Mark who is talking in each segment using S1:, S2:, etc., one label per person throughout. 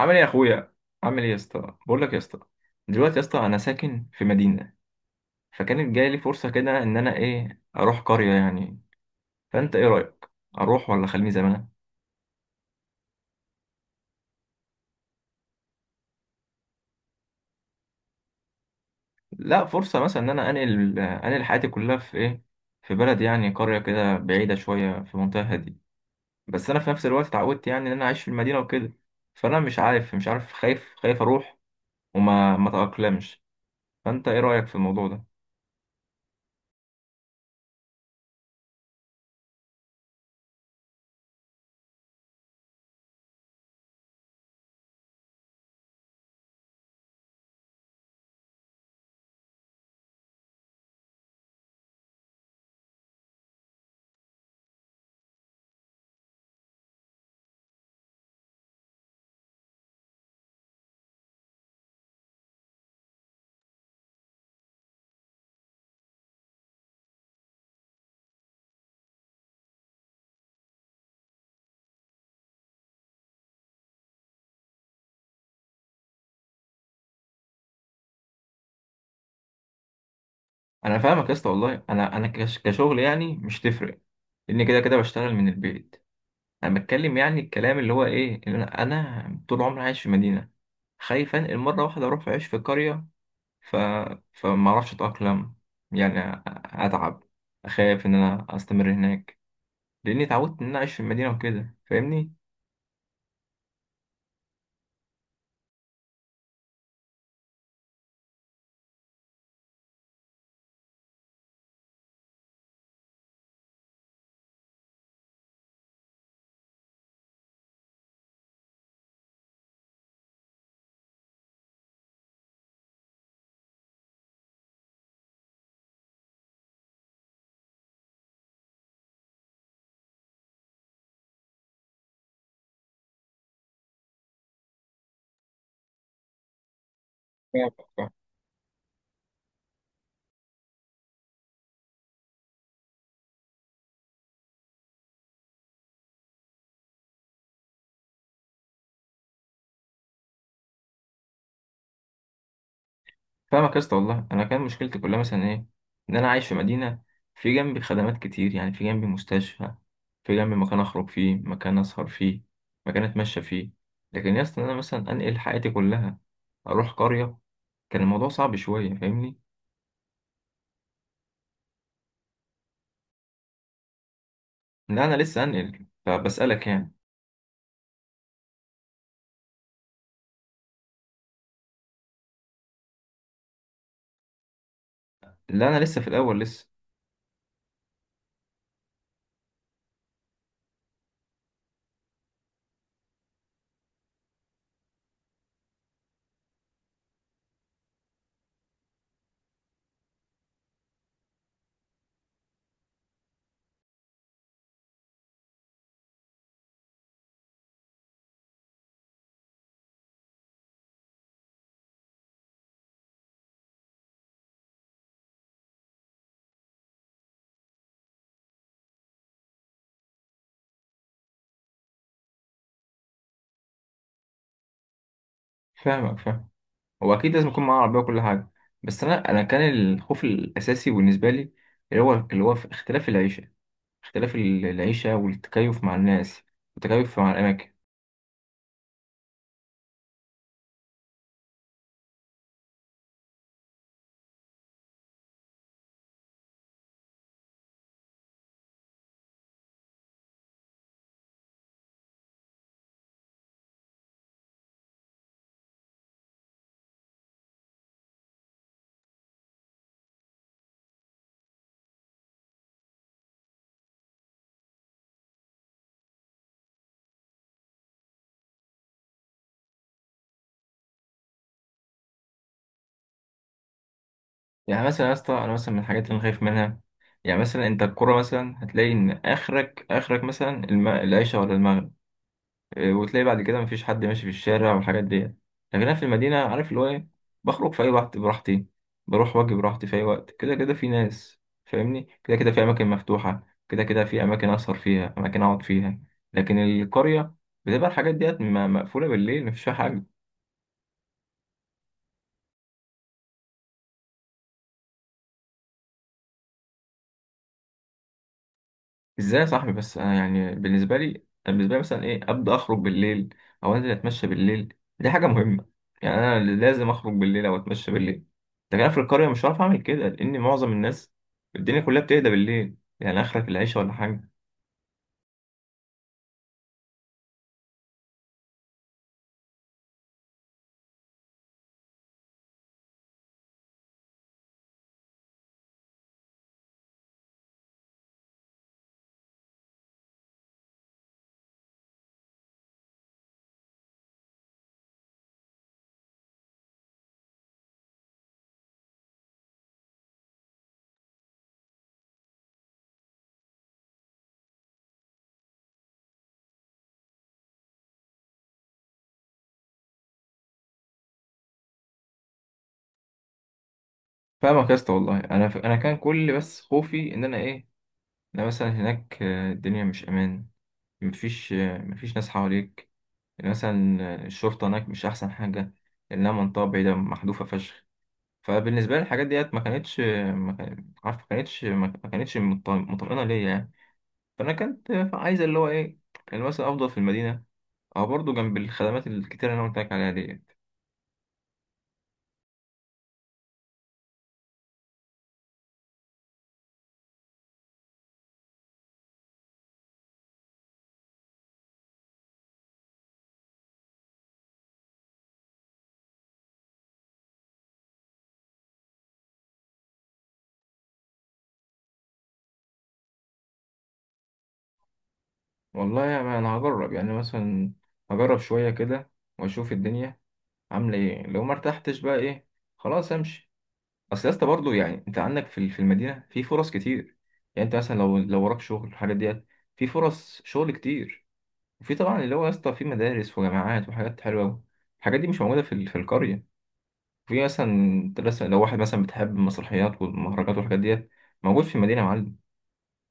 S1: عامل ايه يا اخويا؟ عامل ايه يا اسطى؟ بقول لك يا اسطى، دلوقتي يا اسطى انا ساكن في مدينه، فكانت جايه لي فرصه كده ان انا اروح قريه يعني. فانت ايه رايك؟ اروح ولا خليني زي ما انا؟ لا، فرصه مثلا ان انا انقل حياتي كلها في ايه، في بلد، يعني قريه كده بعيده شويه، في منطقه هاديه. بس انا في نفس الوقت اتعودت يعني ان انا عايش في المدينه وكده، فانا مش عارف خايف اروح وما ما اتاقلمش. فانت ايه رايك في الموضوع ده؟ انا فاهمك يا اسطى، والله انا كشغل يعني مش تفرق، لان كده كده بشتغل من البيت. انا بتكلم يعني الكلام اللي هو ايه، اللي انا طول عمري عايش في مدينه، خايف انقل مره واحده اروح اعيش في قريه. ف فما اعرفش اتاقلم، يعني اتعب، اخاف ان انا استمر هناك، لاني اتعودت ان انا اعيش في المدينه وكده، فاهمني؟ فاهمك. فاهمك يا اسطى، والله انا كان مشكلتي كلها مثلا ايه، ان انا عايش في مدينه، في جنبي خدمات كتير، يعني في جنبي مستشفى، في جنبي مكان اخرج فيه، مكان اسهر فيه، مكان اتمشى فيه. لكن يا اسطى إن انا مثلا انقل حياتي كلها، اروح قريه، كان الموضوع صعب شويه، فاهمني؟ لا، انا لسه انقل، فبسالك يعني. لا، انا لسه في الاول لسه. فاهمك، فاهم. هو اكيد لازم يكون معايا عربيه وكل حاجه، بس انا كان الخوف الاساسي بالنسبه لي، اللي هو في اختلاف العيشه، اختلاف العيشة والتكيف مع الناس، والتكيف مع الأماكن. يعني مثلا يا اسطى، أنا مثلا من الحاجات اللي أنا خايف منها، يعني مثلا أنت القرى مثلا هتلاقي إن آخرك مثلا العيشة ولا المغرب إيه، وتلاقي بعد كده مفيش حد ماشي في الشارع والحاجات دي. لكن أنا في المدينة عارف اللي هو إيه، بخرج في أي وقت براحتي، بروح وأجي براحتي في أي وقت، كده كده في ناس فاهمني، كده كده في أماكن مفتوحة، كده كده في أماكن أسهر فيها، أماكن أقعد فيها. لكن القرية بتبقى الحاجات ديت مقفولة بالليل، مفيش فيها حاجة. ازاي يا صاحبي؟ بس انا يعني بالنسبه لي مثلا ايه، ابدا اخرج بالليل او انزل اتمشى بالليل، دي حاجه مهمه. يعني انا لازم اخرج بالليل او اتمشى بالليل، لكن انا في القريه مش هعرف اعمل كده، لان معظم الناس، الدنيا كلها بتهدى بالليل، يعني اخرك العيشه ولا حاجه. فاهمك يا اسطى، والله انا انا كان كل بس خوفي ان انا ايه، انا مثلا هناك الدنيا مش امان، مفيش مفيش ناس حواليك مثلا، الشرطه هناك مش احسن حاجه، لانها منطقه بعيده محذوفه فشخ. فبالنسبه لي الحاجات ديت ما كانتش، ما كان- عارف، ما كانتش ما كانتش مطمئنه ليا يعني. فانا كنت عايز اللي هو ايه، اللي مثلا افضل في المدينه، او برضه جنب الخدمات الكتير اللي انا قلت لك عليها ديت. والله يعني انا هجرب يعني مثلا، هجرب شويه كده واشوف الدنيا عامله ايه. لو ما ارتحتش بقى ايه، خلاص امشي. اصل يا اسطى برضه يعني انت عندك في المدينه في فرص كتير، يعني انت مثلا لو وراك شغل، الحاجات ديت، في فرص شغل كتير، في طبعا اللي هو يا اسطى في مدارس وجامعات وحاجات حلوه أوي. الحاجات دي مش موجوده في القريه. في مثلا بس لو واحد مثلا بتحب المسرحيات والمهرجانات والحاجات ديت، موجود في المدينه يا معلم.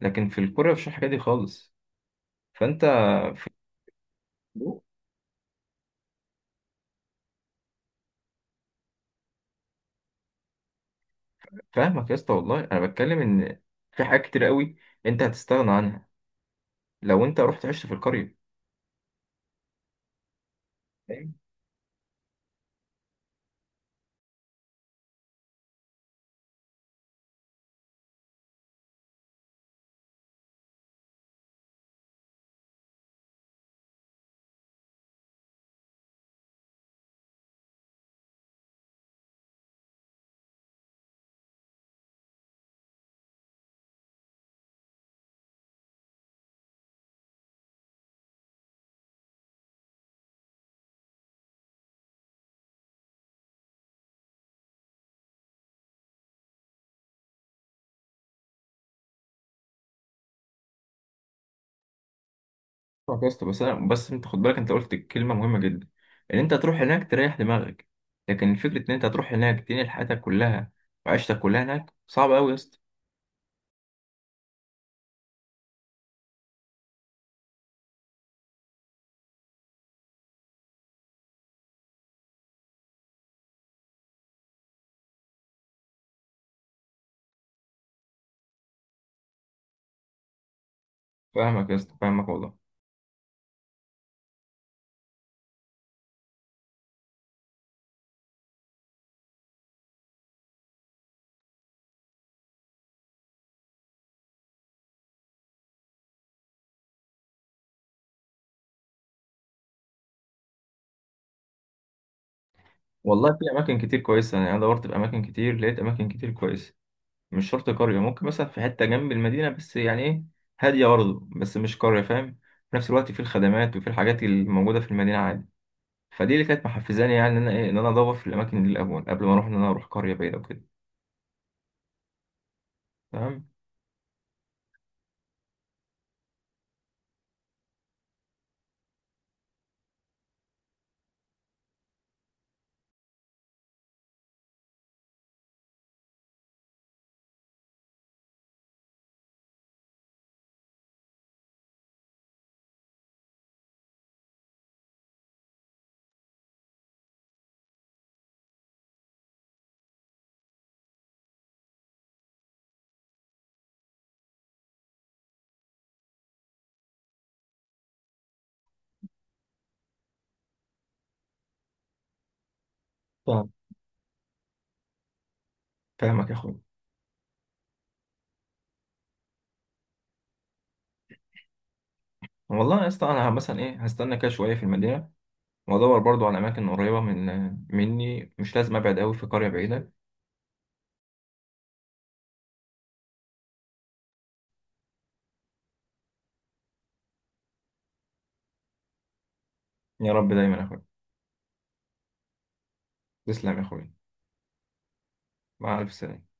S1: لكن في القريه مفيش الحاجات دي خالص، فانت في فاهمك يا اسطى، والله انا بتكلم ان في حاجات كتير قوي انت هتستغنى عنها لو انت رحت عشت في القريه. فاهمك يا اسطى، بس انا انت خد بالك، انت قلت كلمه مهمه جدا، ان انت تروح هناك تريح دماغك، لكن الفكره ان انت تروح هناك تنقل حياتك كلها وعيشتك كلها هناك، صعب قوي يا اسطى. فاهمك والله. والله في اماكن كتير كويسه، يعني انا دورت في اماكن كتير، لقيت اماكن كتير كويسه. مش شرط قريه، ممكن مثلا في حته جنب المدينه بس يعني ايه، هاديه برضه، بس مش قريه، فاهم؟ في نفس الوقت في الخدمات وفي الحاجات الموجوده في المدينه عادي. فدي اللي كانت محفزاني، يعني ان انا ايه، ان انا ادور في الاماكن دي الاول قبل ما اروح ان انا اروح قريه بعيده وكده. تمام، فاهمك يا اخويا. والله يا اسطى انا مثلا ايه، هستنى كده شويه في المدينه وادور برضو على اماكن قريبه مني، مش لازم ابعد قوي في قريه بعيده. يا رب دايما يا اخويا، تسلم يا اخويا، مع الف سلامه.